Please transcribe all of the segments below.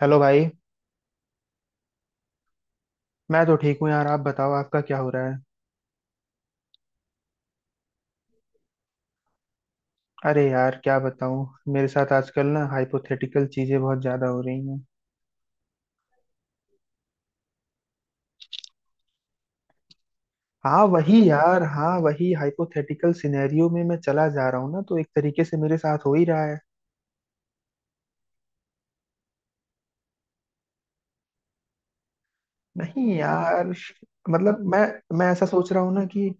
Hello भाई। मैं तो ठीक हूँ यार, आप बताओ आपका क्या हो रहा है। अरे यार क्या बताऊँ, मेरे साथ आजकल ना हाइपोथेटिकल चीजें बहुत ज्यादा हो रही हैं। हाँ वही यार, हाँ वही हाइपोथेटिकल सिनेरियो में मैं चला जा रहा हूँ ना, तो एक तरीके से मेरे साथ हो ही रहा है। नहीं यार, मतलब मैं ऐसा सोच रहा हूँ ना कि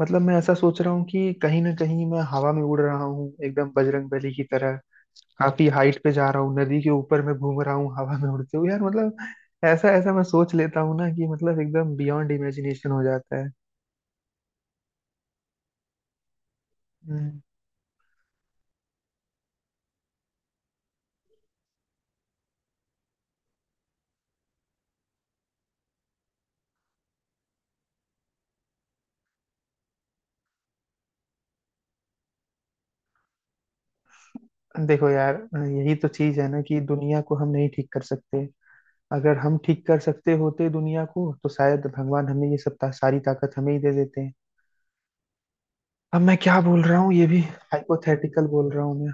मतलब मैं ऐसा सोच रहा हूँ कि कहीं ना कहीं मैं हवा में उड़ रहा हूँ एकदम बजरंग बली की तरह। काफी हाइट पे जा रहा हूँ, नदी के ऊपर मैं घूम रहा हूँ हवा में उड़ते हुए यार, मतलब ऐसा ऐसा मैं सोच लेता हूँ ना कि मतलब एकदम बियॉन्ड इमेजिनेशन हो जाता है। हम्म। देखो यार, यही तो चीज है ना कि दुनिया को हम नहीं ठीक कर सकते। अगर हम ठीक कर सकते होते दुनिया को तो शायद भगवान हमें ये सब सारी ताकत हमें ही दे देते हैं। अब मैं क्या बोल रहा हूँ ये भी हाइपोथेटिकल बोल रहा हूँ मैं।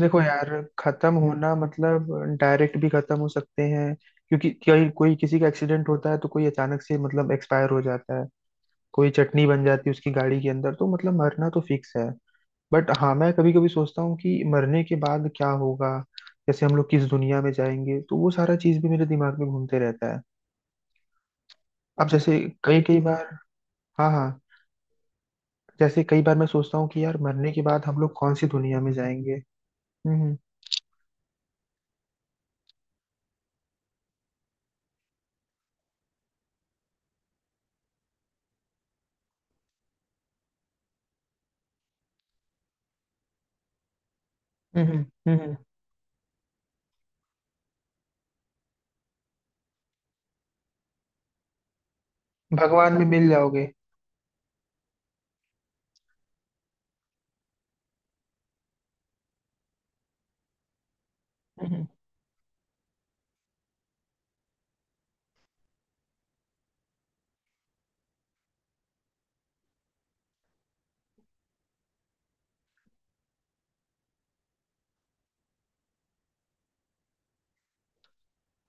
देखो यार, खत्म होना मतलब डायरेक्ट भी खत्म हो सकते हैं। क्योंकि कोई कोई किसी का एक्सीडेंट होता है तो कोई अचानक से मतलब एक्सपायर हो जाता है। कोई चटनी बन जाती है उसकी गाड़ी के अंदर, तो मतलब मरना तो फिक्स है। बट हाँ, मैं कभी कभी सोचता हूँ कि मरने के बाद क्या होगा। जैसे हम लोग किस दुनिया में जाएंगे, तो वो सारा चीज भी मेरे दिमाग में घूमते रहता है। अब जैसे कई कई बार हाँ हाँ, जैसे कई बार मैं सोचता हूँ कि यार मरने के बाद हम लोग कौन सी दुनिया में जाएंगे। हम्म हम्म, भगवान में मिल जाओगे।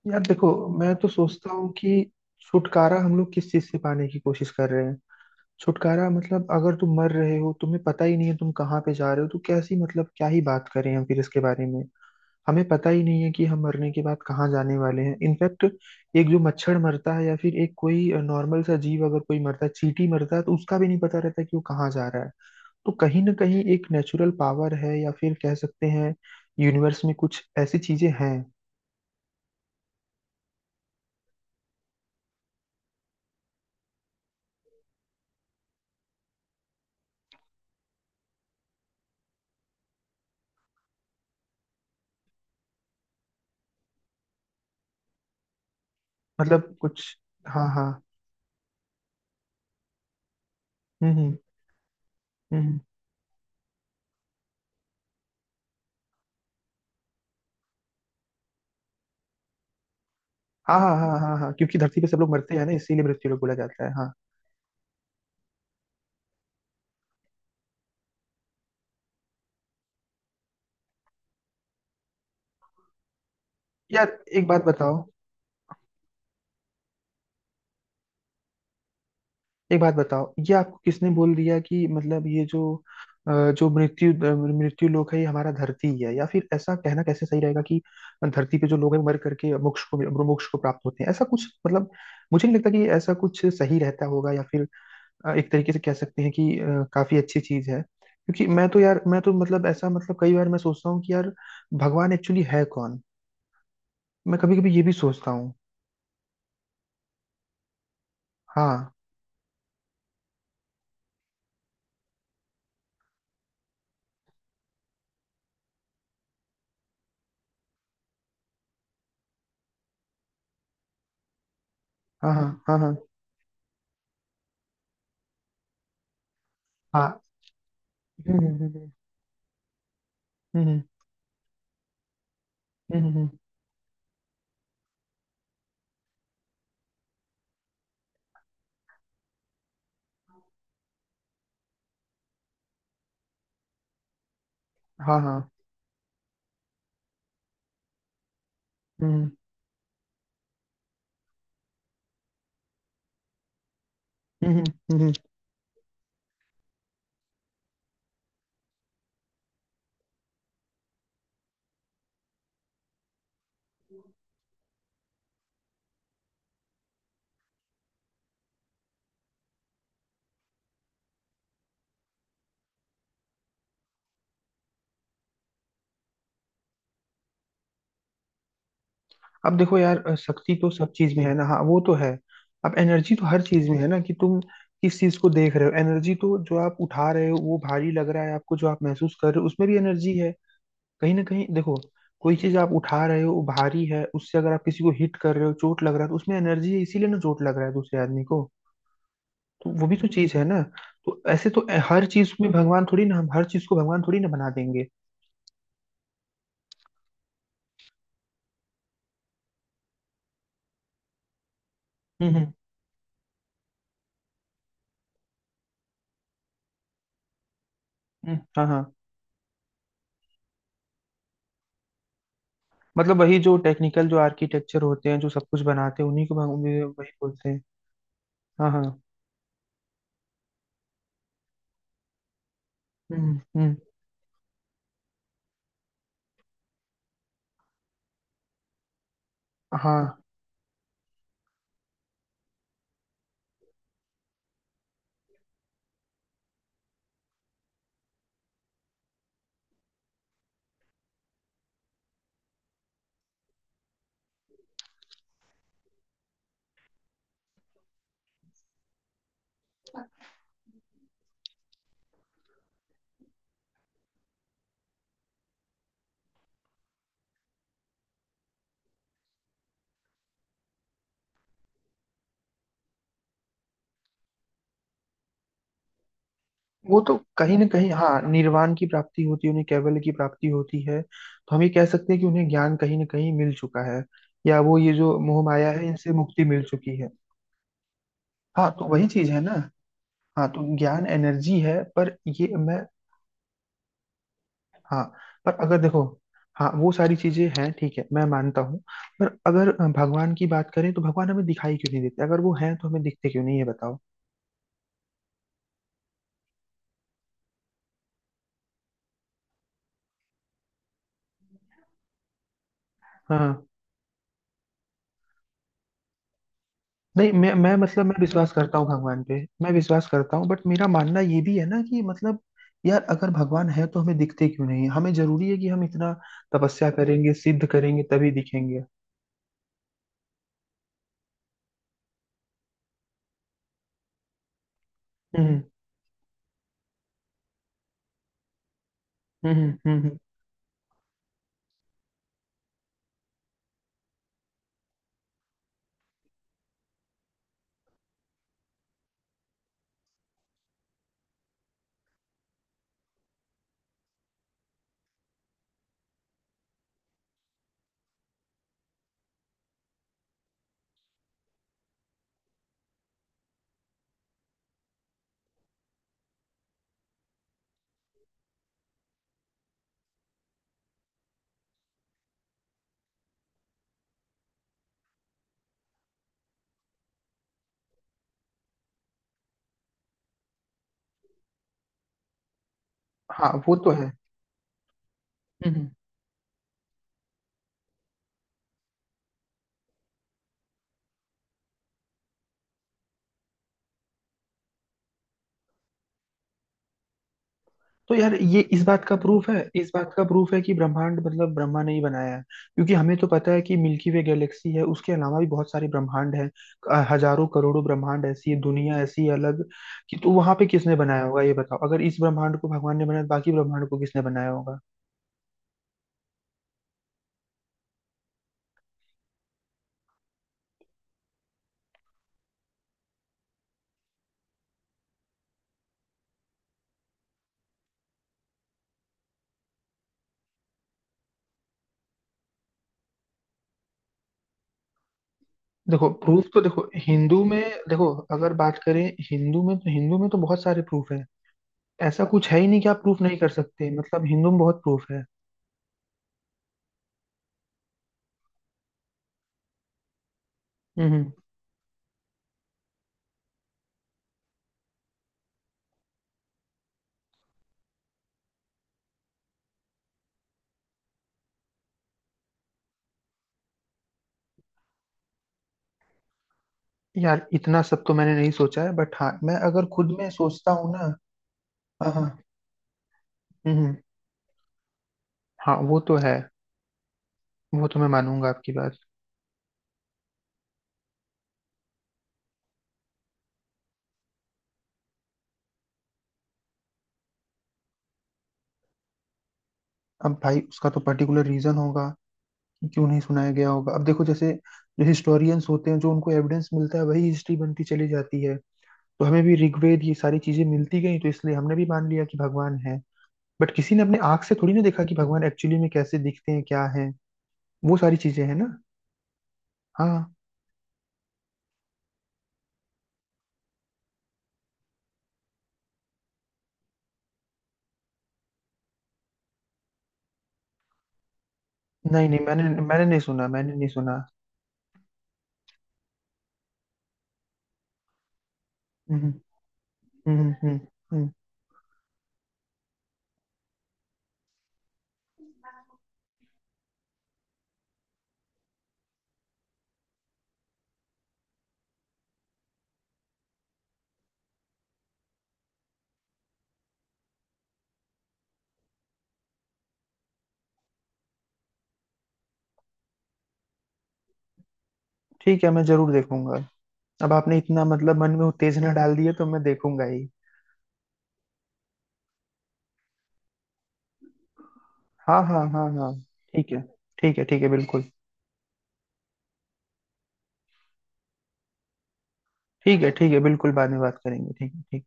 यार देखो, मैं तो सोचता हूँ कि छुटकारा हम लोग किस चीज से पाने की कोशिश कर रहे हैं। छुटकारा मतलब अगर तुम मर रहे हो, तुम्हें पता ही नहीं है तुम कहाँ पे जा रहे हो, तो कैसी मतलब क्या ही बात करें हम फिर इसके बारे में। हमें पता ही नहीं है कि हम मरने के बाद कहाँ जाने वाले हैं इनफैक्ट। एक जो मच्छर मरता है या फिर एक कोई नॉर्मल सा जीव अगर कोई मरता है, चींटी मरता है, तो उसका भी नहीं पता रहता कि वो कहाँ जा रहा है। तो कहीं ना कहीं एक नेचुरल पावर है या फिर कह सकते हैं यूनिवर्स में कुछ ऐसी चीजें हैं। मतलब कुछ हाँ हाँ। हम्म, हम्म। हाँ हाँ हाँ हाँ हाँ, क्योंकि धरती पे सब लोग मरते हैं ना, इसीलिए मृत्यु लोग बोला जाता है हाँ। यार एक बात बताओ, एक बात बताओ ये आपको किसने बोल दिया कि मतलब ये जो अ, जो मृत्यु मृत्यु लोक है ये हमारा धरती ही है, या फिर ऐसा कहना कैसे सही रहेगा कि धरती पे जो लोग हैं मर करके मोक्ष को प्राप्त होते हैं ऐसा कुछ। मतलब मुझे नहीं लगता कि ऐसा कुछ सही रहता होगा, या फिर एक तरीके से कह सकते हैं कि काफी अच्छी चीज है। क्योंकि मैं तो यार, मैं तो मतलब ऐसा मतलब कई बार मैं सोचता हूँ कि यार भगवान एक्चुअली है कौन। मैं कभी कभी ये भी सोचता हूँ। हाँ हाँ हाँ हाँ हाँ हाँ। हम्म हम्म हम्म हम्म, हम्म, हम्म, हाँ हाँ। हम्म हम्म हम्म हम्म। अब देखो यार, शक्ति तो सब चीज में है ना, हाँ वो तो है। अब एनर्जी तो हर चीज में है ना, कि तुम किस चीज को देख रहे हो। एनर्जी तो जो आप उठा रहे हो वो भारी लग रहा है आपको, जो आप महसूस कर रहे हो उसमें भी एनर्जी है। कहीं ना कहीं देखो, कोई चीज आप उठा रहे हो वो भारी है, उससे अगर आप किसी को हिट कर रहे हो चोट लग रहा है, तो उसमें एनर्जी है इसीलिए ना चोट लग रहा है दूसरे आदमी को। तो वो भी तो चीज है ना। तो ऐसे तो हर चीज में भगवान थोड़ी ना, हम हर चीज को भगवान थोड़ी ना बना देंगे। हम्म हम्म हाँ हाँ। मतलब वही जो टेक्निकल जो आर्किटेक्चर होते हैं जो सब कुछ बनाते हैं, उन्हीं को वही वही बोलते हैं। हाँ हाँ। हम्म। हाँ, वो तो कहीं ना कहीं हाँ, निर्वाण की प्राप्ति होती है उन्हें, कैवल्य की प्राप्ति होती है, तो हम ये कह सकते हैं कि उन्हें ज्ञान कहीं ना कहीं मिल चुका है, या वो ये जो मोह माया है इनसे मुक्ति मिल चुकी है। हाँ तो वही चीज है ना। हाँ, तो ज्ञान एनर्जी है, पर ये मैं हाँ, पर अगर देखो, हाँ वो सारी चीजें हैं, ठीक है, मैं मानता हूँ। पर अगर भगवान की बात करें तो भगवान हमें दिखाई क्यों नहीं देते, अगर वो हैं तो हमें दिखते क्यों नहीं, ये बताओ। हाँ, नहीं मैं मतलब मैं विश्वास करता हूँ भगवान पे, मैं विश्वास करता हूँ, बट मेरा मानना ये भी है ना कि मतलब यार अगर भगवान है तो हमें दिखते क्यों नहीं है? हमें जरूरी है कि हम इतना तपस्या करेंगे, सिद्ध करेंगे तभी दिखेंगे। हम्म हम्म हम्म हम्म, हाँ वो तो है। हम्म। तो यार ये इस बात का प्रूफ है, इस बात का प्रूफ है कि ब्रह्मांड मतलब ब्रह्मा ने ही बनाया है? क्योंकि हमें तो पता है कि मिल्की वे गैलेक्सी है, उसके अलावा भी बहुत सारे ब्रह्मांड हैं, हजारों करोड़ों ब्रह्मांड ऐसी है, दुनिया ऐसी है अलग। कि तो वहां पे किसने बनाया होगा ये बताओ, अगर इस ब्रह्मांड को भगवान ने बनाया तो बाकी ब्रह्मांड को किसने बनाया होगा। देखो प्रूफ तो देखो हिंदू में, देखो अगर बात करें हिंदू में, तो हिंदू में तो बहुत सारे प्रूफ है। ऐसा कुछ है ही नहीं कि आप प्रूफ नहीं कर सकते, मतलब हिंदू में बहुत प्रूफ है। हम्म। यार इतना सब तो मैंने नहीं सोचा है, बट हाँ मैं अगर खुद में सोचता हूँ ना हाँ हाँ। हम्म। हाँ वो तो है, वो तो मैं मानूंगा आपकी बात। अब भाई उसका तो पर्टिकुलर रीजन होगा कि क्यों नहीं सुनाया गया होगा। अब देखो जैसे जो हिस्टोरियंस होते हैं, जो उनको एविडेंस मिलता है वही हिस्ट्री बनती चली जाती है। तो हमें भी ऋग्वेद ये सारी चीजें मिलती गई, तो इसलिए हमने भी मान लिया कि भगवान है। बट किसी ने अपने आंख से थोड़ी ना देखा कि भगवान एक्चुअली में कैसे दिखते हैं क्या है, वो सारी चीजें हैं ना। हाँ, नहीं नहीं, मैंने मैंने नहीं सुना, मैंने नहीं सुना। हम्म। हम्म हम्म हम्म, ठीक है मैं जरूर देखूंगा। अब आपने इतना मतलब मन में उत्तेजना डाल दी है तो मैं देखूंगा ही। हाँ हाँ हाँ हाँ, ठीक है। ठीक है ठीक है बिल्कुल। ठीक है बिल्कुल, बाद में बात करेंगे, ठीक है ठीक।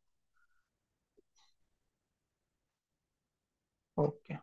ओके।